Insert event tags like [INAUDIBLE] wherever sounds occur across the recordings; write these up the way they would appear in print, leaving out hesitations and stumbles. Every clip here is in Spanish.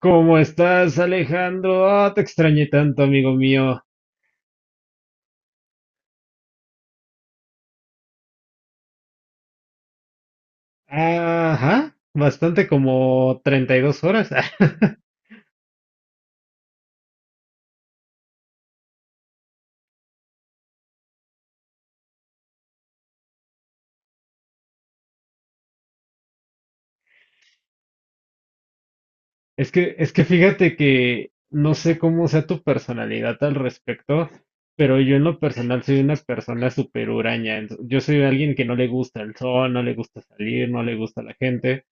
¿Cómo estás, Alejandro? Te extrañé tanto, amigo mío. Ajá, bastante como 32 horas. [LAUGHS] Es que fíjate que no sé cómo sea tu personalidad al respecto, pero yo en lo personal soy una persona súper huraña. Yo soy alguien que no le gusta el sol, no le gusta salir, no le gusta la gente.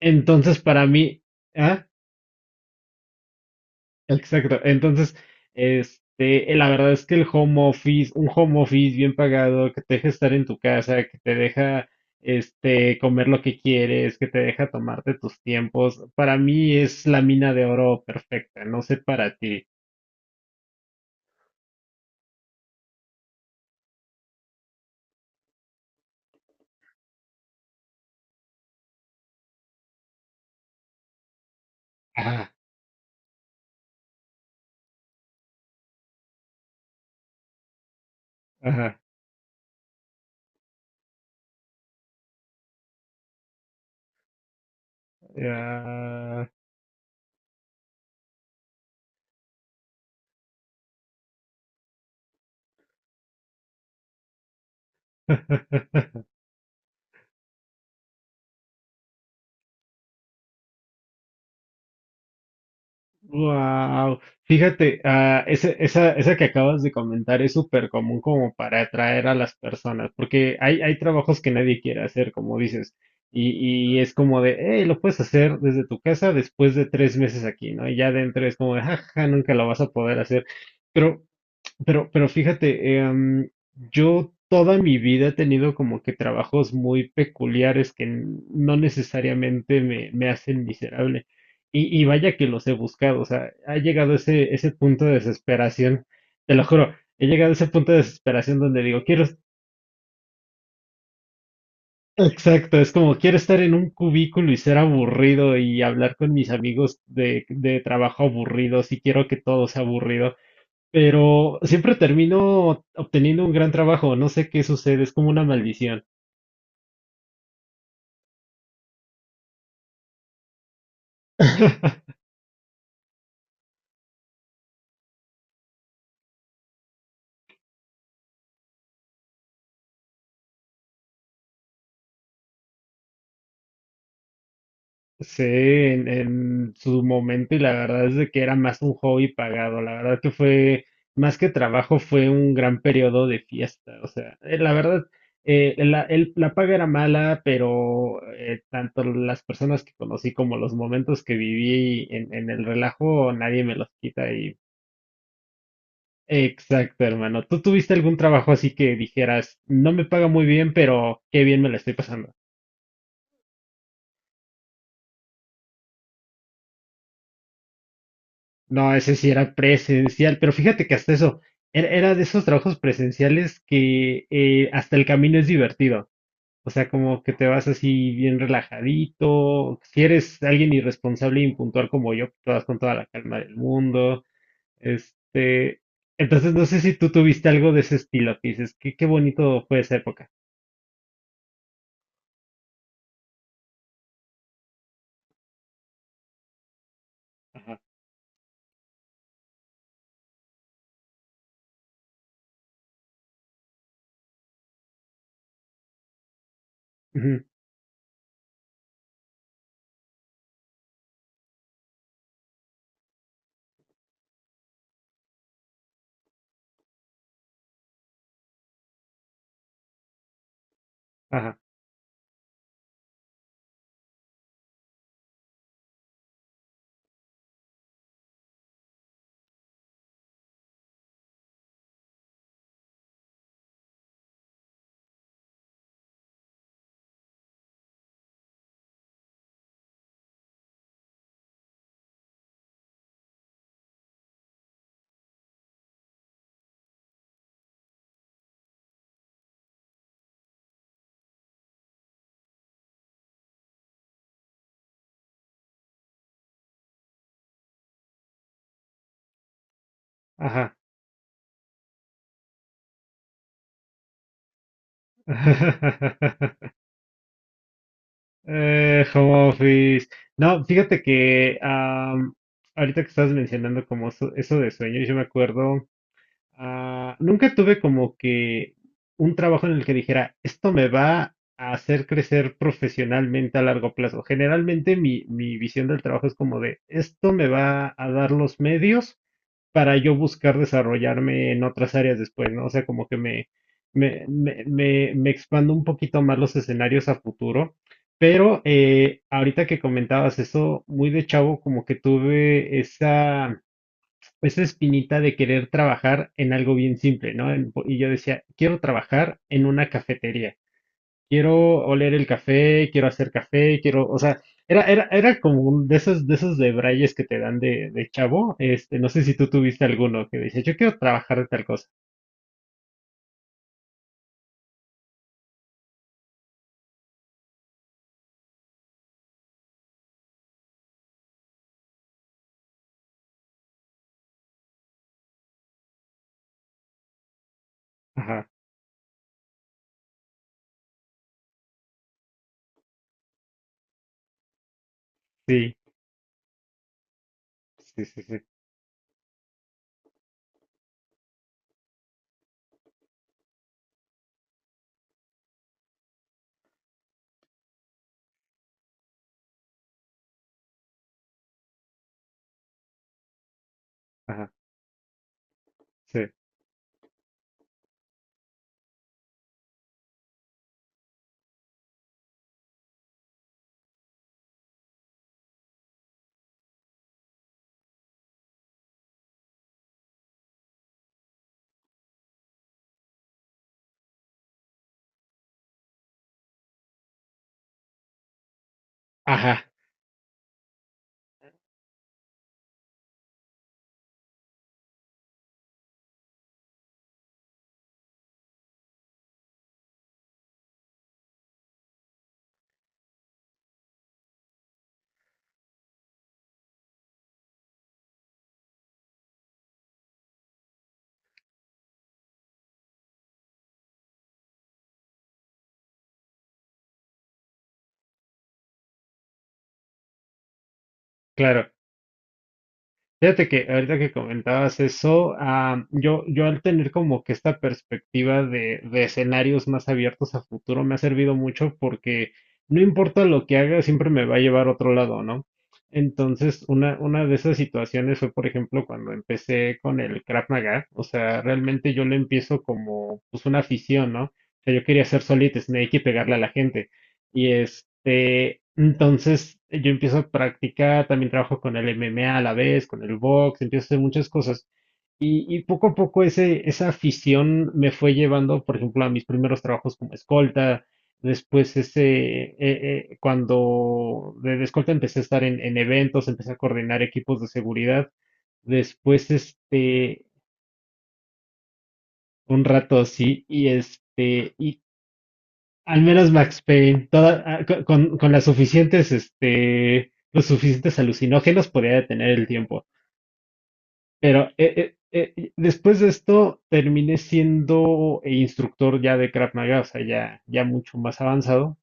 Entonces, para mí, ¿ah? Exacto. Entonces, la verdad es que el home office, un home office bien pagado, que te deja estar en tu casa, que te deja, comer lo que quieres, que te deja tomarte tus tiempos, para mí es la mina de oro perfecta. No sé para ti. Ajá, ajá, ah. [LAUGHS] Wow, fíjate, esa que acabas de comentar es súper común como para atraer a las personas, porque hay trabajos que nadie quiere hacer, como dices, y es como de, hey, lo puedes hacer desde tu casa después de 3 meses aquí, ¿no? Y ya dentro es como de, jaja, nunca lo vas a poder hacer. Pero, pero fíjate, yo toda mi vida he tenido como que trabajos muy peculiares que no necesariamente me hacen miserable. Y vaya que los he buscado, o sea, ha llegado ese punto de desesperación, te lo juro, he llegado a ese punto de desesperación donde digo, quiero, exacto, es como quiero estar en un cubículo y ser aburrido y hablar con mis amigos de trabajo aburridos y quiero que todo sea aburrido, pero siempre termino obteniendo un gran trabajo, no sé qué sucede, es como una maldición. [LAUGHS] Sí, en su momento y la verdad es de que era más un hobby pagado, la verdad que fue más que trabajo, fue un gran periodo de fiesta, o sea, la verdad, la paga era mala, pero tanto las personas que conocí como los momentos que viví en el relajo, nadie me los quita y... Exacto, hermano. ¿Tú tuviste algún trabajo así que dijeras, no me paga muy bien, pero qué bien me la estoy pasando? No, ese sí era presencial, pero fíjate que hasta eso, era de esos trabajos presenciales que hasta el camino es divertido. O sea, como que te vas así bien relajadito. Si eres alguien irresponsable e impuntual como yo, te vas con toda la calma del mundo. Este, entonces no sé si tú tuviste algo de ese estilo que dices, qué bonito fue esa época. Ajá. Ujú, ajá, ajá. [LAUGHS] Home office. No, fíjate que ahorita que estabas mencionando como eso de sueños, yo me acuerdo, ah, nunca tuve como que un trabajo en el que dijera, esto me va a hacer crecer profesionalmente a largo plazo. Generalmente mi visión del trabajo es como de, esto me va a dar los medios para yo buscar desarrollarme en otras áreas después, ¿no? O sea, como que me expando un poquito más los escenarios a futuro. Pero ahorita que comentabas eso, muy de chavo, como que tuve esa espinita de querer trabajar en algo bien simple, ¿no? Y yo decía, quiero trabajar en una cafetería, quiero oler el café, quiero hacer café, quiero, o sea, era como un de esos debrayes que te dan de chavo. Este, no sé si tú tuviste alguno que dice, yo quiero trabajar de tal cosa. Ajá, sí, sí, sí, sí, ajá, sí, ajá, claro. Fíjate que ahorita que comentabas eso, ah, yo al tener como que esta perspectiva de escenarios más abiertos a futuro me ha servido mucho porque no importa lo que haga, siempre me va a llevar a otro lado, ¿no? Entonces, una de esas situaciones fue, por ejemplo, cuando empecé con el Krav Maga, o sea, realmente yo lo empiezo como pues una afición, ¿no? O sea, yo quería ser Solid Snake y pegarle a la gente. Y este, entonces yo empiezo a practicar, también trabajo con el MMA a la vez, con el box, empiezo a hacer muchas cosas. Y poco a poco esa afición me fue llevando, por ejemplo, a mis primeros trabajos como escolta. Después cuando de escolta empecé a estar en eventos, empecé a coordinar equipos de seguridad. Después, este, un rato así, y este, y al menos Max Payne, con las suficientes, este, los suficientes alucinógenos podía detener el tiempo. Pero después de esto terminé siendo instructor ya de Krav Maga, o sea, ya mucho más avanzado.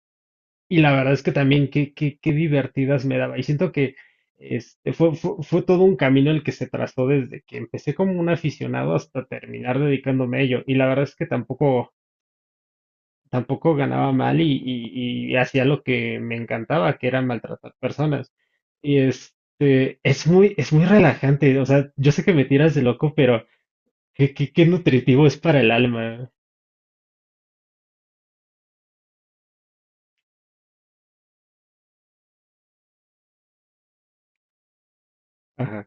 Y la verdad es que también qué divertidas me daba. Y siento que fue todo un camino el que se trazó desde que empecé como un aficionado hasta terminar dedicándome a ello. Y la verdad es que tampoco ganaba mal y hacía lo que me encantaba, que era maltratar personas. Y este, es muy relajante, o sea, yo sé que me tiras de loco, pero qué nutritivo es para el alma. Ajá.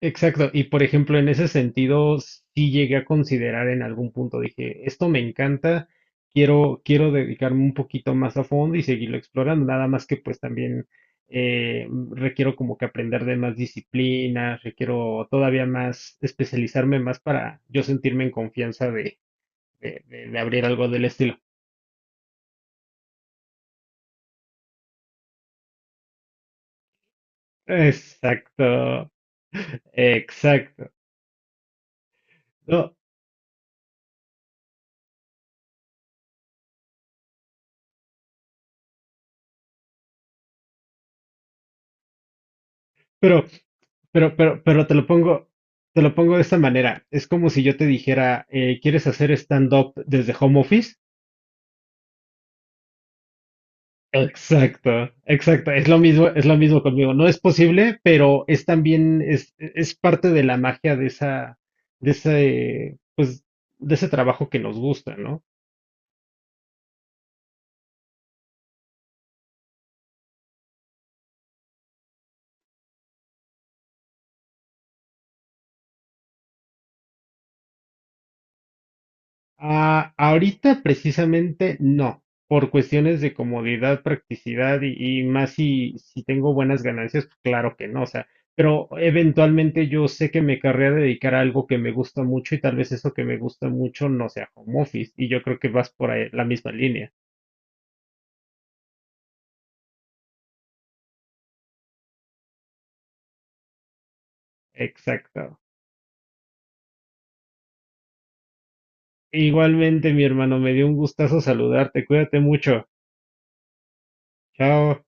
Exacto, y por ejemplo, en ese sentido, sí llegué a considerar en algún punto, dije, esto me encanta, quiero dedicarme un poquito más a fondo y seguirlo explorando, nada más que pues también requiero como que aprender de más disciplinas, requiero todavía más especializarme más para yo sentirme en confianza de abrir algo del estilo. Exacto, exacto. No, pero pero te lo pongo de esta manera. Es como si yo te dijera, ¿quieres hacer stand-up desde home office? Exacto, exacto. Es lo mismo conmigo. No es posible, pero es también, es parte de la magia de esa, de ese, pues, de ese trabajo que nos gusta, ¿no? Ah, ahorita precisamente no, por cuestiones de comodidad, practicidad y más si, si tengo buenas ganancias, pues claro que no, o sea, pero eventualmente yo sé que me querría dedicar a algo que me gusta mucho y tal vez eso que me gusta mucho no sea home office y yo creo que vas por ahí, la misma línea. Exacto. Igualmente, mi hermano, me dio un gustazo saludarte, cuídate mucho. Chao.